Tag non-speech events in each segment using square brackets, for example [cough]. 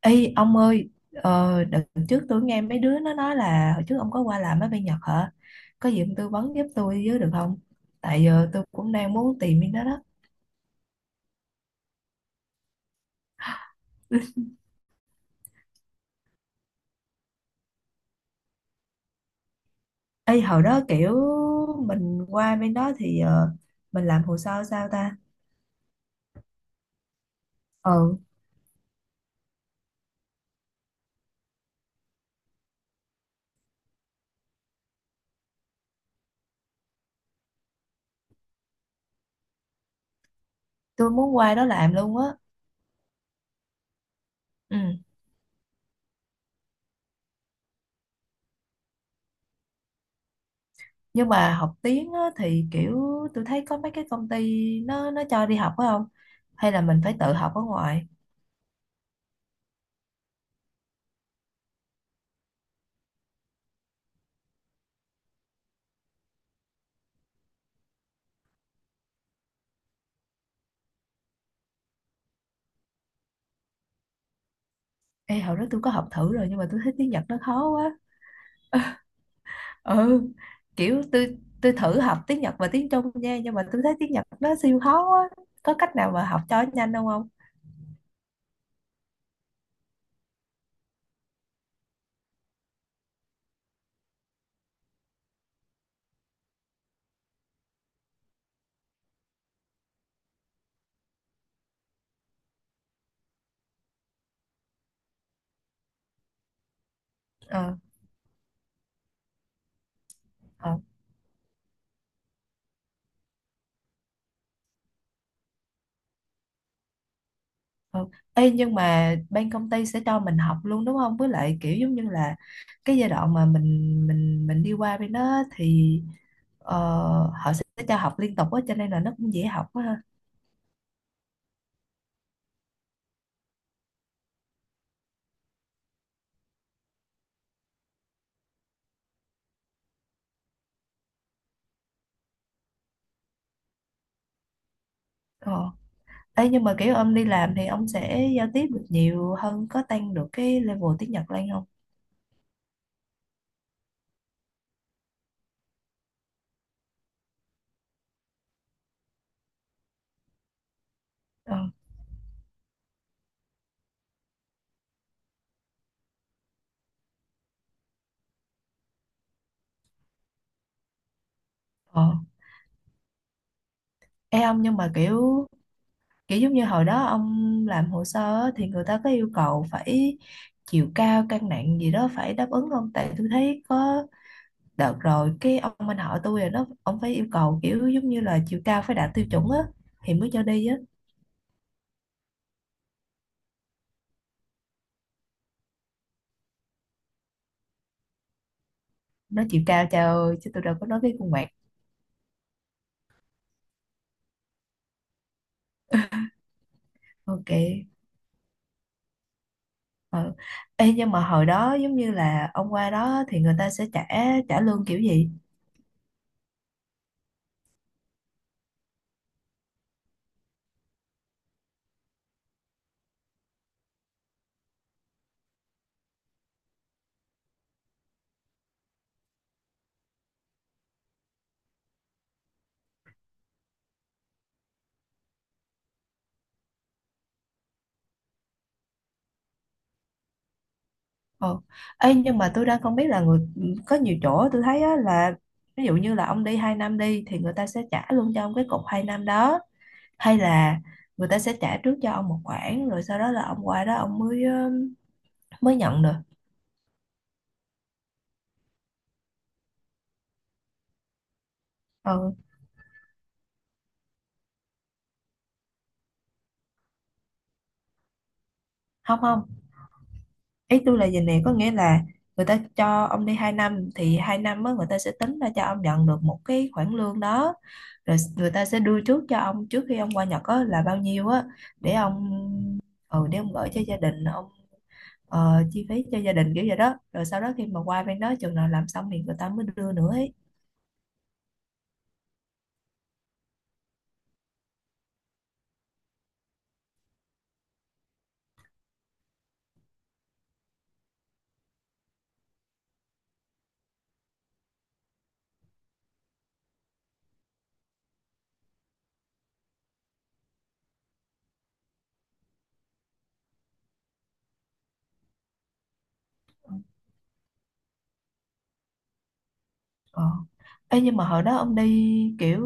Ê ông ơi, đợt trước tôi nghe mấy đứa nó nói là hồi trước ông có qua làm ở bên Nhật hả? Có gì ông tư vấn giúp tôi với được không? Tại giờ tôi cũng đang muốn tìm bên đó đó. Ê hồi đó kiểu mình qua bên đó thì mình làm hồ sơ sao ta? Ừ, tôi muốn qua đó làm luôn á. Ừ. Nhưng mà học tiếng á, thì kiểu tôi thấy có mấy cái công ty nó cho đi học phải không? Hay là mình phải tự học ở ngoài? Ê hồi đó tôi có học thử rồi nhưng mà tôi thấy tiếng Nhật nó khó quá. Ừ, kiểu tôi thử học tiếng Nhật và tiếng Trung nha nhưng mà tôi thấy tiếng Nhật nó siêu khó á. Có cách nào mà học cho nhanh không không Ờ, ờ, ờ. Ê, nhưng mà bên công ty sẽ cho mình học luôn đúng không, với lại kiểu giống như là cái giai đoạn mà mình đi qua bên đó thì ờ, họ sẽ cho học liên tục á cho nên là nó cũng dễ học quá ha. Ờ. Ê, nhưng mà kiểu ông đi làm thì ông sẽ giao tiếp được nhiều hơn, có tăng được cái level tiếng Nhật lên không? Ờ, ờ. Ê ông, nhưng mà kiểu kiểu giống như hồi đó ông làm hồ sơ á, thì người ta có yêu cầu phải chiều cao cân nặng gì đó phải đáp ứng không, tại tôi thấy có đợt rồi cái ông anh họ tôi rồi nó ông phải yêu cầu kiểu giống như là chiều cao phải đạt tiêu chuẩn á thì mới cho đi á. Nó chiều cao, trời ơi, chứ tôi đâu có nói cái khuôn mặt. OK. Ờ. Ê, nhưng mà hồi đó giống như là ông qua đó thì người ta sẽ trả trả lương kiểu gì? Ờ. Ê, nhưng mà tôi đang không biết là người, có nhiều chỗ tôi thấy á, là ví dụ như là ông đi 2 năm đi thì người ta sẽ trả luôn cho ông cái cọc 2 năm đó, hay là người ta sẽ trả trước cho ông một khoản rồi sau đó là ông qua đó ông mới mới nhận được. Ừ. Không, không, ý tôi là gì nè, có nghĩa là người ta cho ông đi 2 năm thì 2 năm á, người ta sẽ tính ra cho ông nhận được một cái khoản lương đó, rồi người ta sẽ đưa trước cho ông trước khi ông qua Nhật á, là bao nhiêu á để ông để ông gửi cho gia đình ông, chi phí cho gia đình kiểu vậy đó, rồi sau đó khi mà qua bên đó chừng nào làm xong thì người ta mới đưa nữa ấy. Ờ. Ê, nhưng mà hồi đó ông đi kiểu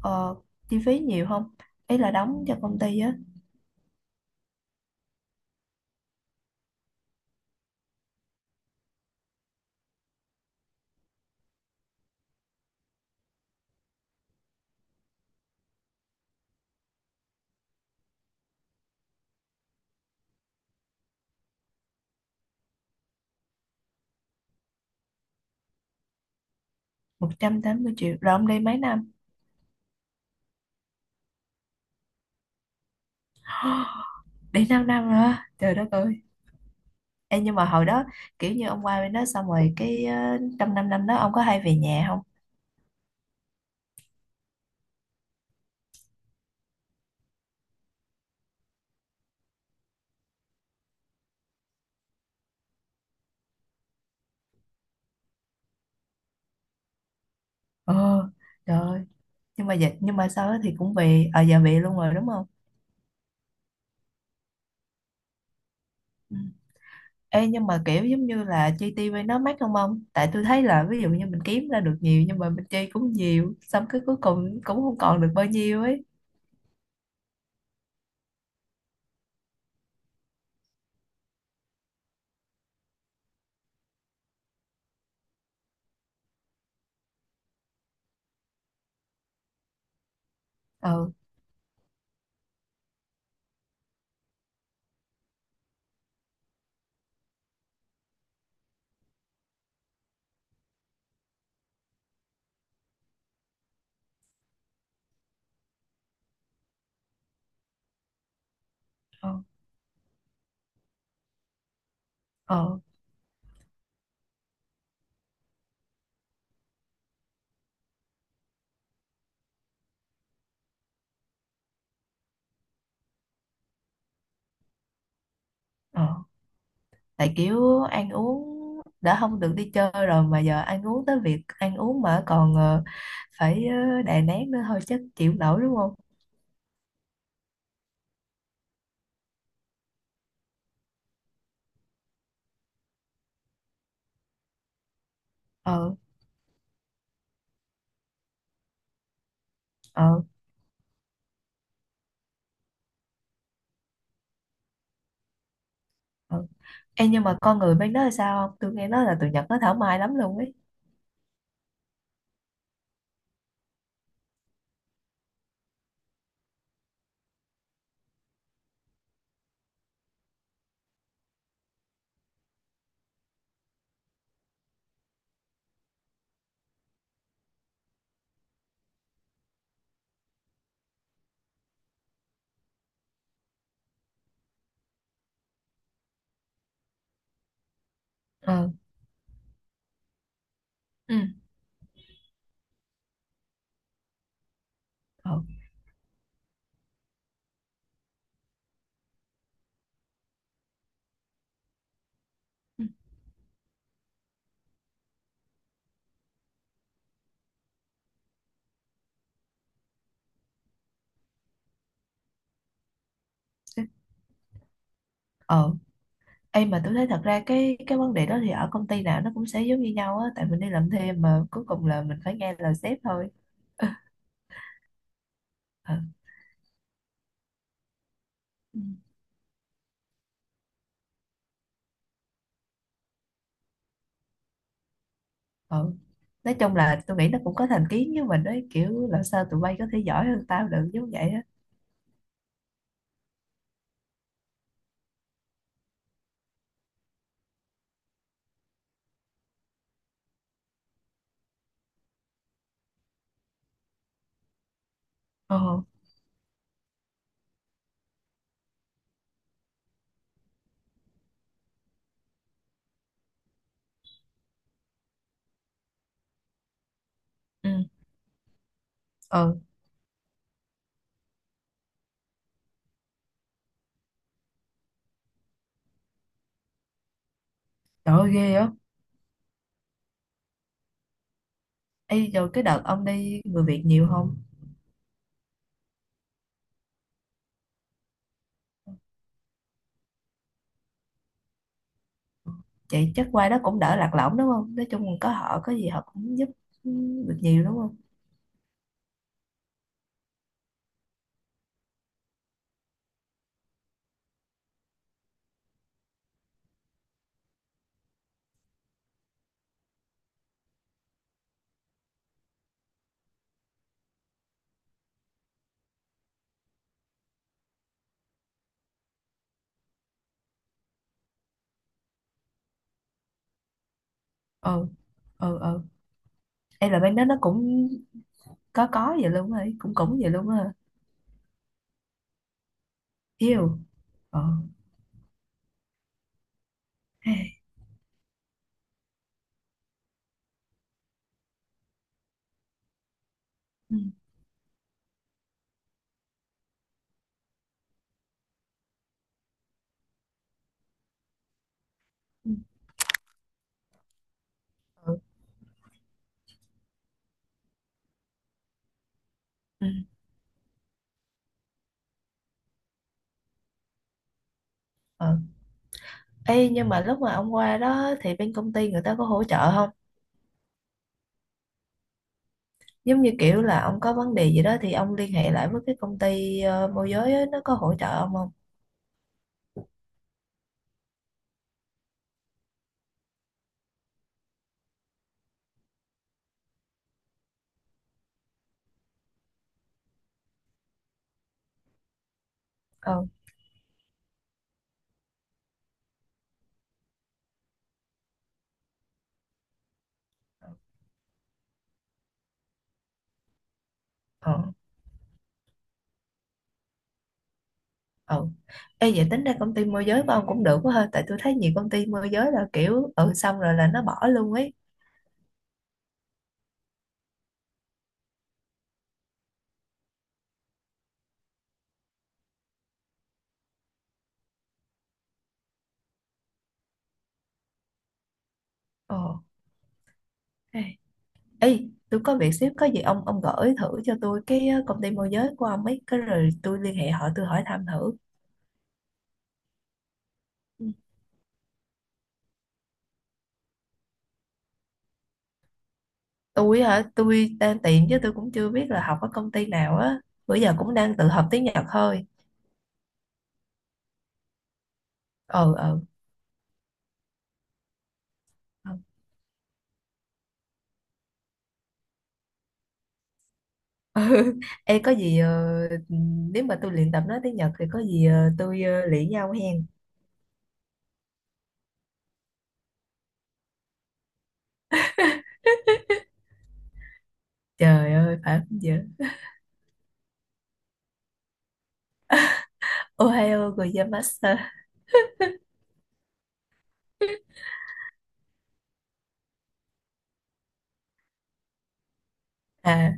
ờ, chi phí nhiều không, ý là đóng cho công ty á. 180 triệu, rồi ông đi mấy năm? [gasps] Đi 5 năm rồi á. Trời đất ơi. Ê, nhưng mà hồi đó kiểu như ông qua bên đó xong rồi cái trong 5 năm đó ông có hay về nhà không? Ờ. Trời ơi, nhưng mà dịch, nhưng mà sau đó thì cũng về ở giờ về luôn rồi đúng không? Ừ. Ê, nhưng mà kiểu giống như là chi tiêu bên đó mắc không ông? Tại tôi thấy là ví dụ như mình kiếm ra được nhiều nhưng mà mình chi cũng nhiều, xong cái cuối cùng cũng không còn được bao nhiêu ấy. Ờ, ờ, ờ, ờ. Tại kiểu ăn uống đã không được đi chơi rồi mà giờ ăn uống, tới việc ăn uống mà còn phải đè nén nữa thôi chắc chịu nổi đúng không? Ờ, ờ, ờ. Ê, nhưng mà con người bên đó là sao không? Tôi nghe nói là tụi Nhật nó thảo mai lắm luôn ấy. Ờ, ừ, ờ, ừ. Ờ. Ê mà tôi thấy thật ra cái vấn đề đó thì ở công ty nào nó cũng sẽ giống như nhau á, tại mình đi làm thêm mà cuối cùng là mình phải nghe lời sếp thôi. Ừ. Ừ. Ừ. Nói chung là tôi nghĩ nó cũng có thành kiến với mình đấy, kiểu làm sao tụi bay có thể giỏi hơn tao được, giống vậy á. Ờ. Ừ, ừ. Trời ơi ghê á. Ê, rồi cái đợt ông đi người Việt nhiều không? Vậy chắc qua đó cũng đỡ lạc lõng đúng không, nói chung là có họ có gì họ cũng giúp, ừ, được nhiều đúng không? Ừ, ừ, ừ. Ê, là bên đó nó cũng có vậy luôn rồi cũng cũng vậy luôn á hả? Yêu. Ờ. Ừ, ừ, ừ, ừ. Ừ. Ê, nhưng mà lúc mà ông qua đó thì bên công ty người ta có hỗ trợ không? Giống như kiểu là ông có vấn đề gì đó thì ông liên hệ lại với cái công ty môi giới á, nó có hỗ trợ ông không? Ừ. Ừ. Ừ. Ê, vậy tính ra công ty môi giới của ông cũng được quá ha, tại tôi thấy nhiều công ty môi giới là kiểu ừ xong rồi là nó bỏ luôn ấy. Ờ. ê Ê, tôi có việc xíu, có gì ông gửi thử cho tôi cái công ty môi giới của ông ấy cái, rồi tôi liên hệ họ tôi hỏi thăm thử. Tôi hả, tôi đang tìm chứ tôi cũng chưa biết là học ở công ty nào á, bữa giờ cũng đang tự học tiếng Nhật thôi. Ờ, ờ. Ừ. [laughs] Ê, có gì nếu mà tôi luyện tập nói tiếng Nhật thì có gì tôi luyện nhau hen. Trời ơi, phải không giờ. Ohayou gozaimasu. À.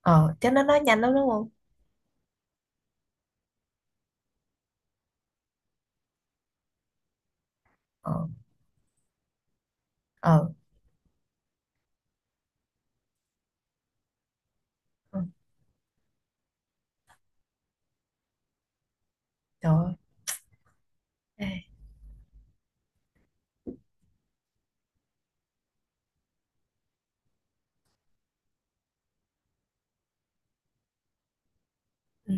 Ờ, chắc nó nói nhanh lắm đúng không? Ờ, ờ. Ừ, trời ơi. Ê, ừ,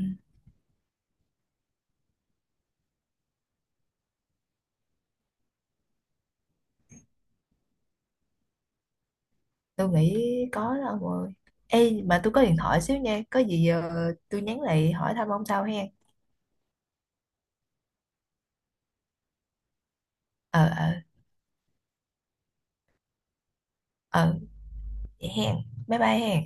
tôi nghĩ có đó ông ơi. Ê mà tôi có điện thoại xíu nha, có gì tôi nhắn lại hỏi thăm ông sau hen. Ờ, ờ, ờ. Vậy hẹn. Bye bye hẹn.